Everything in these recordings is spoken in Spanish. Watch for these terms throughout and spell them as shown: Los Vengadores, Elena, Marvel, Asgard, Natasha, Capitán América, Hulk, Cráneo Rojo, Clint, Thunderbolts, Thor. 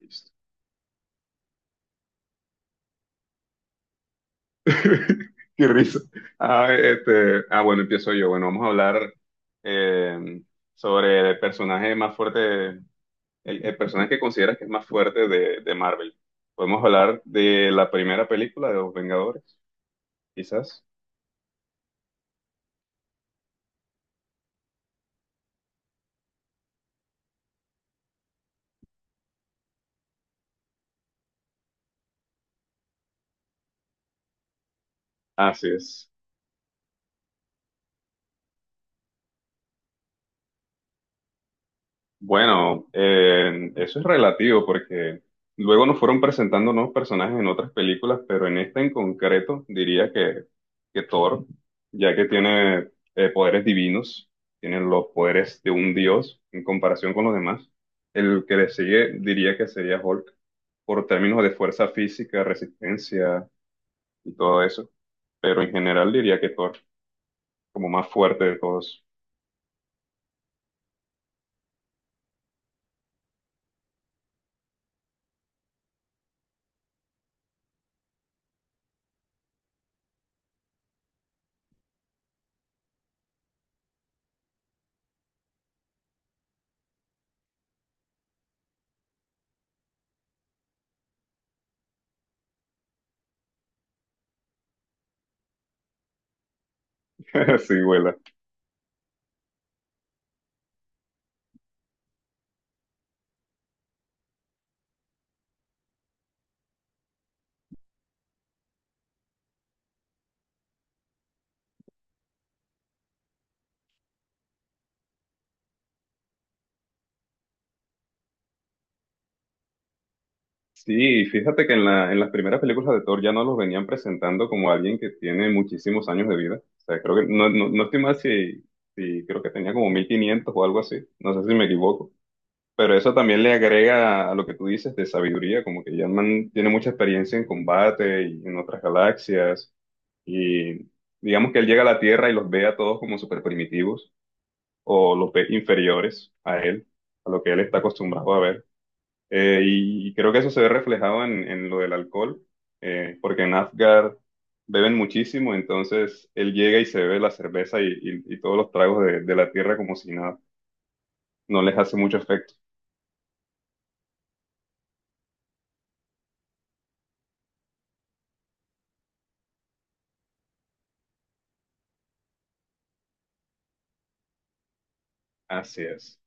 Qué risa. Bueno, empiezo yo. Bueno, vamos a hablar eh, sobre el personaje más fuerte, el personaje que consideras que es más fuerte de Marvel. Podemos hablar de la primera película de Los Vengadores, quizás. Así es. Bueno, eso es relativo porque luego nos fueron presentando nuevos personajes en otras películas, pero en esta en concreto diría que Thor, ya que tiene poderes divinos, tiene los poderes de un dios en comparación con los demás. El que le sigue diría que sería Hulk por términos de fuerza física, resistencia y todo eso, pero en general diría que Thor como más fuerte de todos. Sí, vuela. Sí, fíjate que en en las primeras películas de Thor ya no los venían presentando como alguien que tiene muchísimos años de vida. O sea, creo que no, no, no estoy mal si creo que tenía como 1500 o algo así. No sé si me equivoco. Pero eso también le agrega a lo que tú dices de sabiduría, como que ya el man tiene mucha experiencia en combate y en otras galaxias. Y digamos que él llega a la Tierra y los ve a todos como super primitivos o los ve inferiores a él, a lo que él está acostumbrado a ver. Y creo que eso se ve reflejado en lo del alcohol, porque en Asgard beben muchísimo, entonces él llega y se bebe la cerveza y todos los tragos de la tierra como si nada, no les hace mucho efecto. Así es.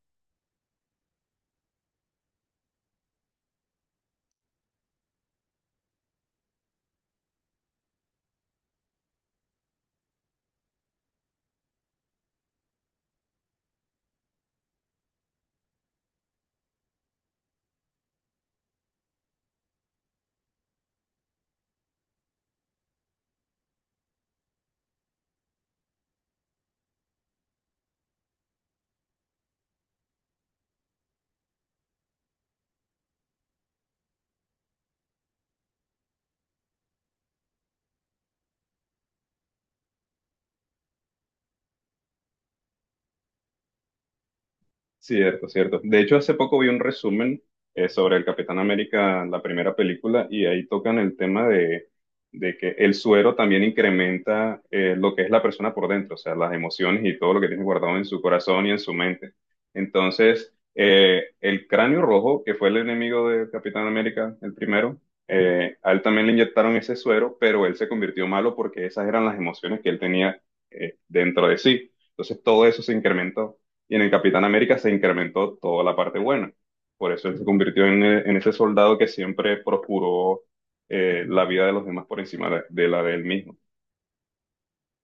Cierto, cierto. De hecho, hace poco vi un resumen sobre el Capitán América, la primera película, y ahí tocan el tema de que el suero también incrementa lo que es la persona por dentro, o sea, las emociones y todo lo que tiene guardado en su corazón y en su mente. Entonces, el cráneo rojo, que fue el enemigo del Capitán América, el primero, a él también le inyectaron ese suero, pero él se convirtió malo porque esas eran las emociones que él tenía dentro de sí. Entonces, todo eso se incrementó. Y en el Capitán América se incrementó toda la parte buena. Por eso él se convirtió en ese soldado que siempre procuró la vida de los demás por encima de la de él mismo.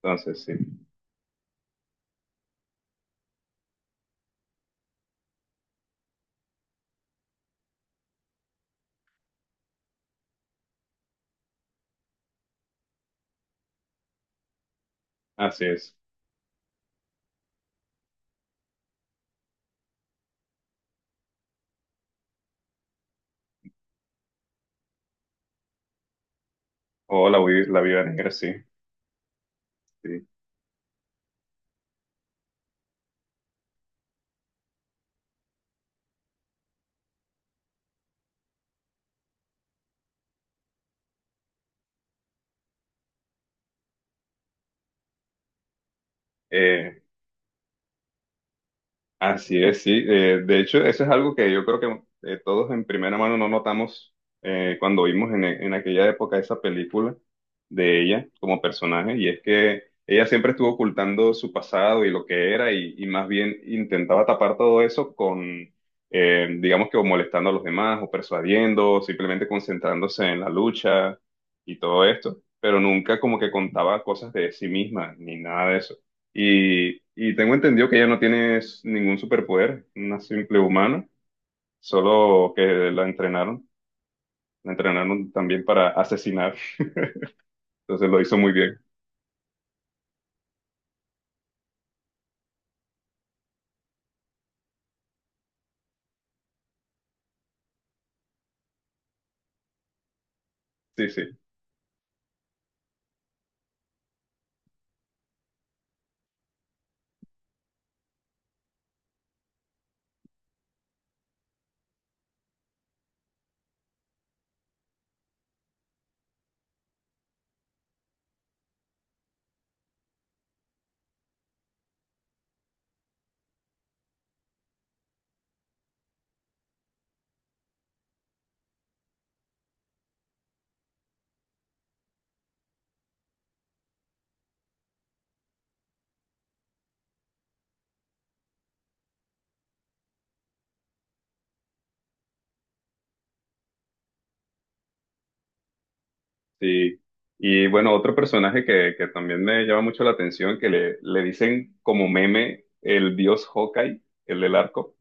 Entonces, sí, así es. O la vida negra, sí. Sí. Eh, Así es, sí. De hecho, eso es algo que yo creo que todos en primera mano no notamos cuando vimos en aquella época esa película de ella como personaje, y es que ella siempre estuvo ocultando su pasado y lo que era, y más bien intentaba tapar todo eso con, digamos que o molestando a los demás, o persuadiendo, o simplemente concentrándose en la lucha y todo esto, pero nunca como que contaba cosas de sí misma, ni nada de eso. Y tengo entendido que ella no tiene ningún superpoder, una simple humana, solo que la entrenaron, la entrenaron también para asesinar, entonces lo hizo muy bien. Sí, sí, sí. Y bueno, otro personaje que también me llama mucho la atención, que le dicen como meme el dios Hawkeye, el del arco.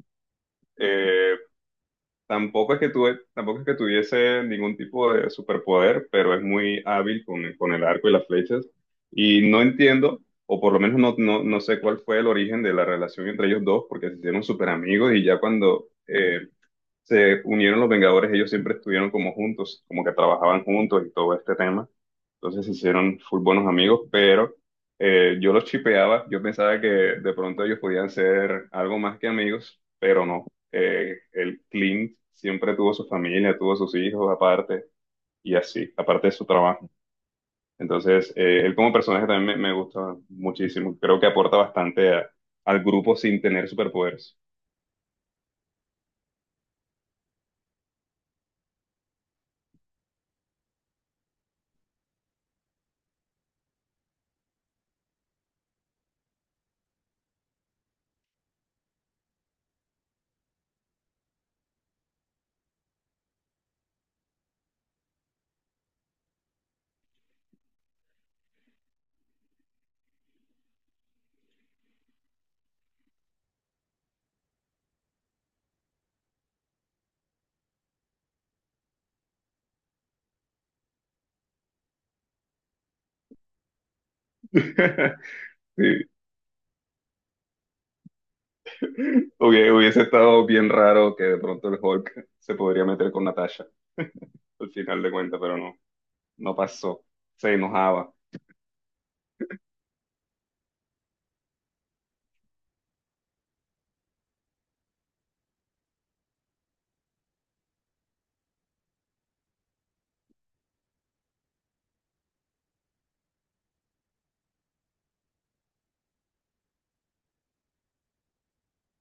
Eh, tampoco es que tuviese ningún tipo de superpoder, pero es muy hábil con el arco y las flechas. Y no entiendo, o por lo menos no sé cuál fue el origen de la relación entre ellos dos, porque se hicieron súper amigos y ya cuando se unieron los Vengadores, ellos siempre estuvieron como juntos, como que trabajaban juntos y todo este tema. Entonces se hicieron full buenos amigos, pero yo los chipeaba, yo pensaba que de pronto ellos podían ser algo más que amigos, pero no. El Clint siempre tuvo su familia, tuvo sus hijos aparte y así, aparte de su trabajo. Entonces, él como personaje también me gusta muchísimo. Creo que aporta bastante al grupo sin tener superpoderes. Sí. Hubiese estado bien raro que de pronto el Hulk se podría meter con Natasha al final de cuentas, pero no, no pasó. Se enojaba.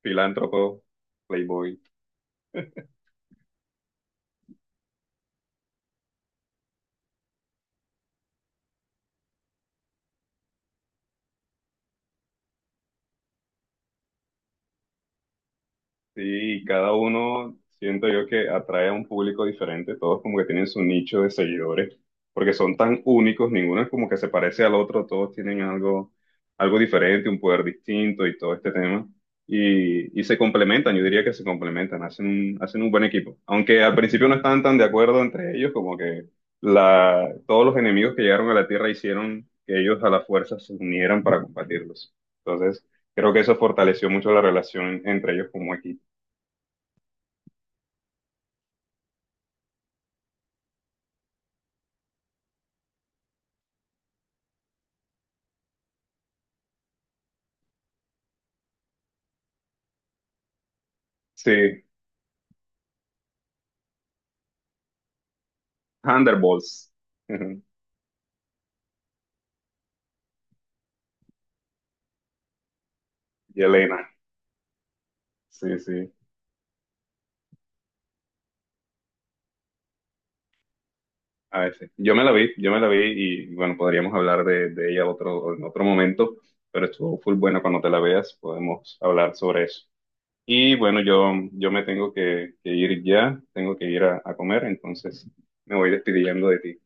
Filántropo, playboy. Sí, cada uno siento yo que atrae a un público diferente, todos como que tienen su nicho de seguidores, porque son tan únicos, ninguno es como que se parece al otro, todos tienen algo, algo diferente, un poder distinto y todo este tema, y se complementan, yo diría que se complementan, hacen hacen un buen equipo, aunque al principio no estaban tan de acuerdo entre ellos, como que la, todos los enemigos que llegaron a la Tierra hicieron que ellos a la fuerza se unieran para combatirlos, entonces creo que eso fortaleció mucho la relación entre ellos como equipo. Sí, Thunderbolts. Ujú. Y Elena. Sí, sí. A veces. Yo me la vi, yo me la vi y bueno, podríamos hablar de ella otro, en otro momento, pero estuvo full buena cuando te la veas, podemos hablar sobre eso. Y bueno, yo me tengo que ir ya, tengo que ir a comer, entonces me voy despidiendo de ti.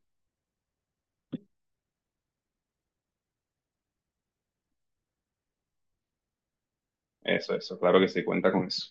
Eso, claro que sí, cuenta con eso.